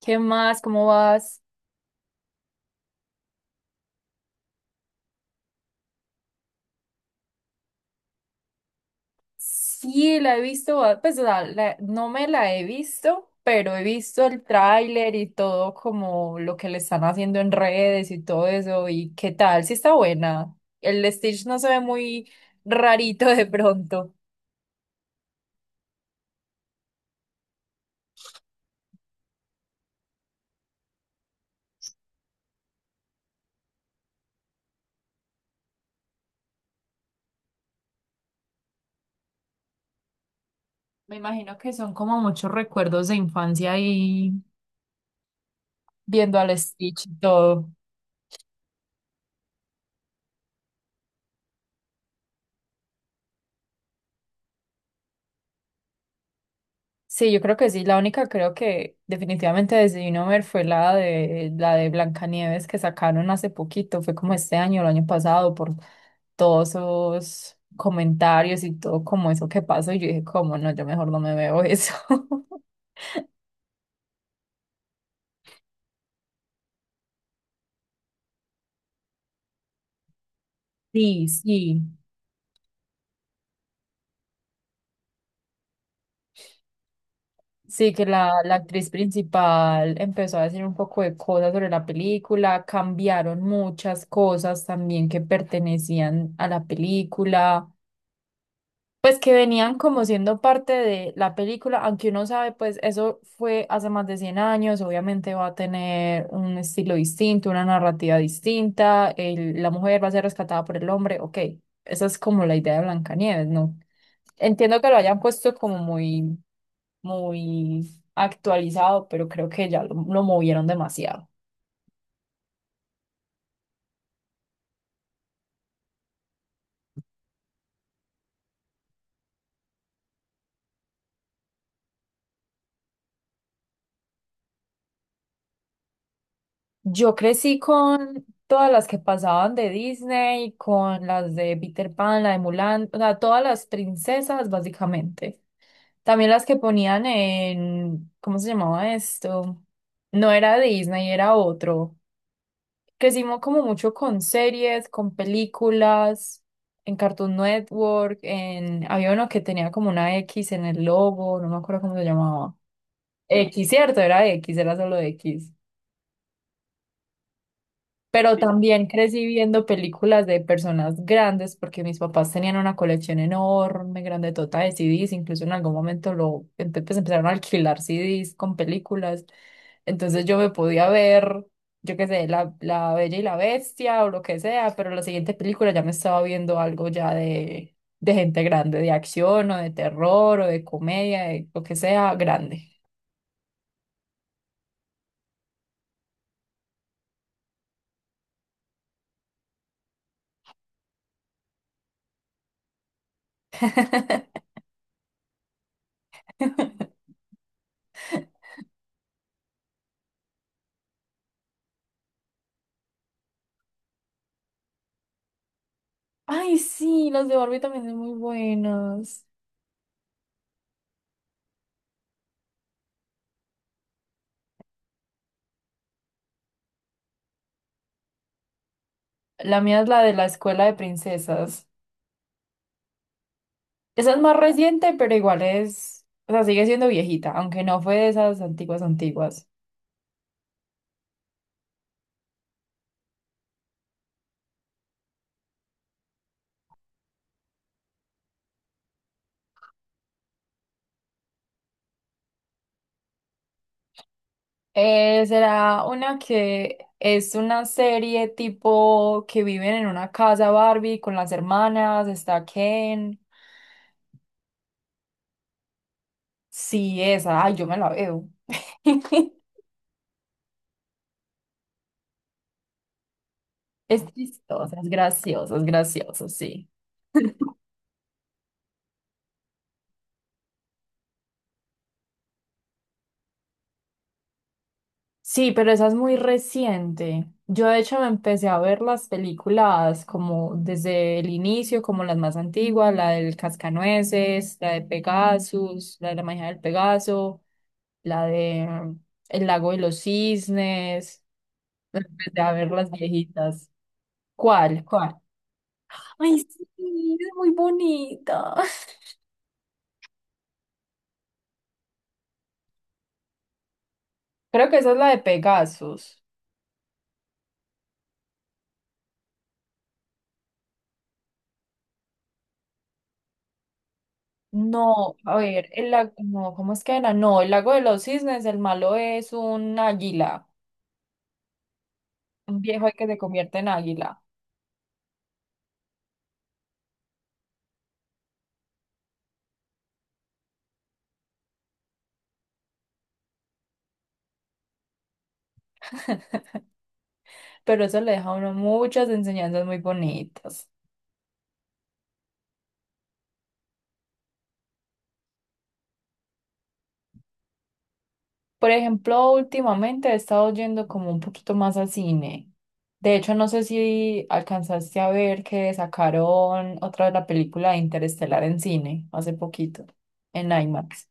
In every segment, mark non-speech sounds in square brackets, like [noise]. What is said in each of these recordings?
¿Qué más? ¿Cómo vas? Sí, la he visto, no me la he visto, pero he visto el tráiler y todo como lo que le están haciendo en redes y todo eso. ¿Y qué tal? Sí está buena. El Stitch no se ve muy rarito de pronto. Me imagino que son como muchos recuerdos de infancia ahí viendo al Stitch y todo. Sí, yo creo que sí. La única creo que definitivamente decidí no ver fue la de Blancanieves que sacaron hace poquito, fue como este año, el año pasado, por todos esos comentarios y todo como eso que pasó. Y yo dije, como no, yo mejor no me veo eso. [laughs] Sí, sí. Sí, que la actriz principal empezó a decir un poco de cosas sobre la película, cambiaron muchas cosas también que pertenecían a la película. Pues que venían como siendo parte de la película, aunque uno sabe, pues eso fue hace más de 100 años, obviamente va a tener un estilo distinto, una narrativa distinta, la mujer va a ser rescatada por el hombre, ok, esa es como la idea de Blancanieves, ¿no? Entiendo que lo hayan puesto como muy, muy actualizado, pero creo que ya lo movieron demasiado. Yo crecí con todas las que pasaban de Disney, con las de Peter Pan, la de Mulan, o sea, todas las princesas básicamente. También las que ponían en, ¿cómo se llamaba esto? No era Disney, era otro. Crecimos como mucho con series, con películas, en Cartoon Network, en, había uno que tenía como una X en el logo, no me acuerdo cómo se llamaba. X, cierto, era X, era solo X. Pero también crecí viendo películas de personas grandes porque mis papás tenían una colección enorme, grande, total de CDs. Incluso en algún momento pues empezaron a alquilar CDs con películas. Entonces yo me podía ver, yo qué sé, la Bella y la Bestia o lo que sea, pero la siguiente película ya me estaba viendo algo ya de gente grande, de acción o de terror o de comedia, de lo que sea, grande. [laughs] Ay, sí, las de Barbie también son muy buenas. La mía es la de la escuela de princesas. Esa es más reciente, pero igual es, o sea, sigue siendo viejita, aunque no fue de esas antiguas antiguas. Será una que es una serie tipo que viven en una casa Barbie con las hermanas, está Ken. Sí, esa, ay, yo me la veo. [laughs] Es chistosa, es graciosa, sí. Sí, pero esa es muy reciente. Yo de hecho me empecé a ver las películas como desde el inicio, como las más antiguas, la del Cascanueces, la de Pegasus, la de la magia del Pegaso, la de El lago de los cisnes. [laughs] Me empecé a ver las viejitas. ¿Cuál? ¿Cuál? Ay, sí, es muy bonita. [laughs] Creo que esa es la de Pegasus. No, a ver, el lago, no, ¿cómo es que era? No, el lago de los cisnes, el malo es un águila, un viejo que se convierte en águila, [laughs] pero eso le deja a uno muchas enseñanzas muy bonitas. Por ejemplo, últimamente he estado yendo como un poquito más al cine. De hecho, no sé si alcanzaste a ver que sacaron otra vez la película de Interestelar en cine hace poquito, en IMAX.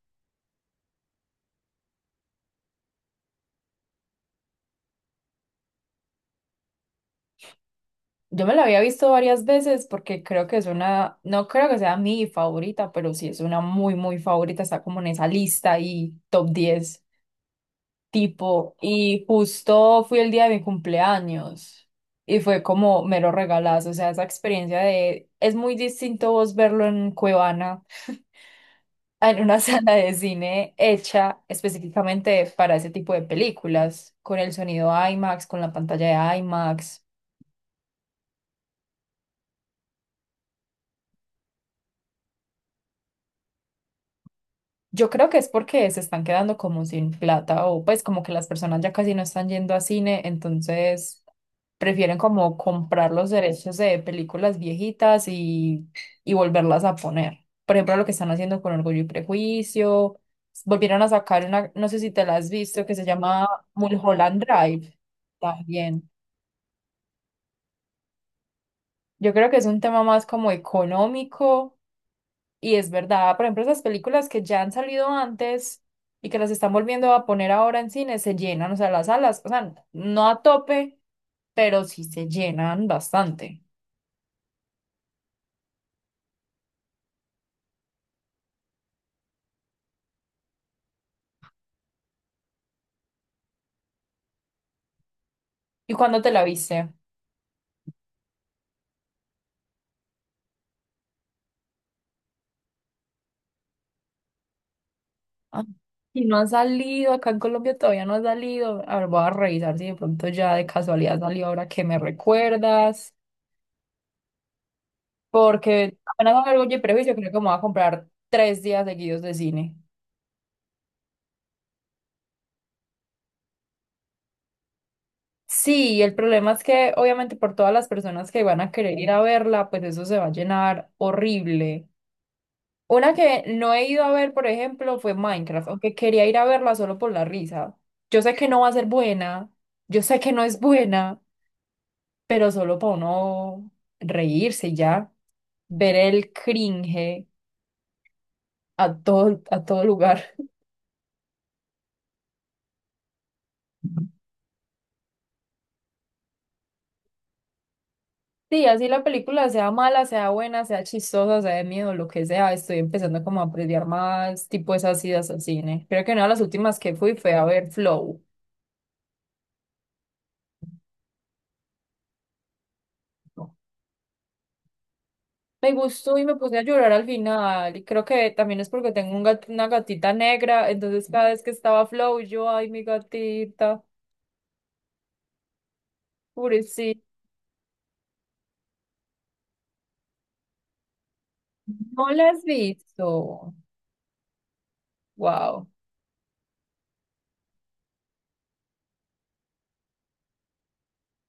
Yo me la había visto varias veces porque creo que es una, no creo que sea mi favorita, pero sí es una muy, muy favorita. Está como en esa lista y top 10 tipo. Y justo fui el día de mi cumpleaños y fue como mero regalazo. O sea, esa experiencia de, es muy distinto vos verlo en Cuevana, en una [laughs] sala de cine hecha específicamente para ese tipo de películas, con el sonido IMAX, con la pantalla de IMAX. Yo creo que es porque se están quedando como sin plata o pues como que las personas ya casi no están yendo a cine, entonces prefieren como comprar los derechos de películas viejitas y volverlas a poner. Por ejemplo, lo que están haciendo con Orgullo y Prejuicio, volvieron a sacar una, no sé si te la has visto, que se llama Mulholland Drive también. Yo creo que es un tema más como económico. Y es verdad, por ejemplo, esas películas que ya han salido antes y que las están volviendo a poner ahora en cine se llenan, o sea, las salas, o sea, no a tope, pero sí se llenan bastante. ¿Y cuándo te la viste? Ah, y no han salido, acá en Colombia todavía no ha salido. A ver, voy a revisar si de pronto ya de casualidad salió ahora que me recuerdas, porque apenas hago algo y prejuicio, creo que me voy a comprar tres días seguidos de cine. Sí, el problema es que obviamente por todas las personas que van a querer ir a verla, pues eso se va a llenar horrible. Una que no he ido a ver, por ejemplo, fue Minecraft, aunque quería ir a verla solo por la risa. Yo sé que no va a ser buena, yo sé que no es buena, pero solo para uno reírse y ya, ver el cringe a todo lugar. [laughs] Sí, así la película sea mala, sea buena, sea chistosa, sea de miedo, lo que sea, estoy empezando como a apreciar más tipo esas idas al cine. Creo que una de las últimas que fui fue a ver Flow. Me gustó y me puse a llorar al final. Y creo que también es porque tengo un una gatita negra, entonces cada vez que estaba Flow, yo, ay, mi gatita, pobrecita. No la has visto. Wow.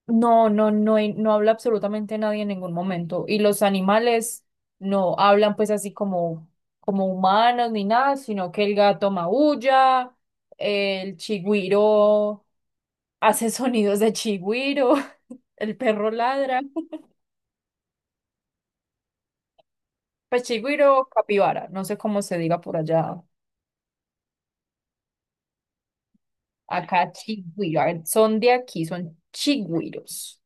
No, no, no, no habla absolutamente nadie en ningún momento. Y los animales no hablan pues así como, como humanos ni nada, sino que el gato maulla, el chigüiro hace [laughs] sonidos de chigüiro, [laughs] el perro ladra. Pues chigüiro, o capibara, no sé cómo se diga por allá. Acá chigüiro, a ver, son de aquí, son chigüiros.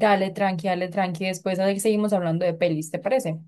Dale, tranqui, dale, tranqui. Después ahí seguimos hablando de pelis, ¿te parece?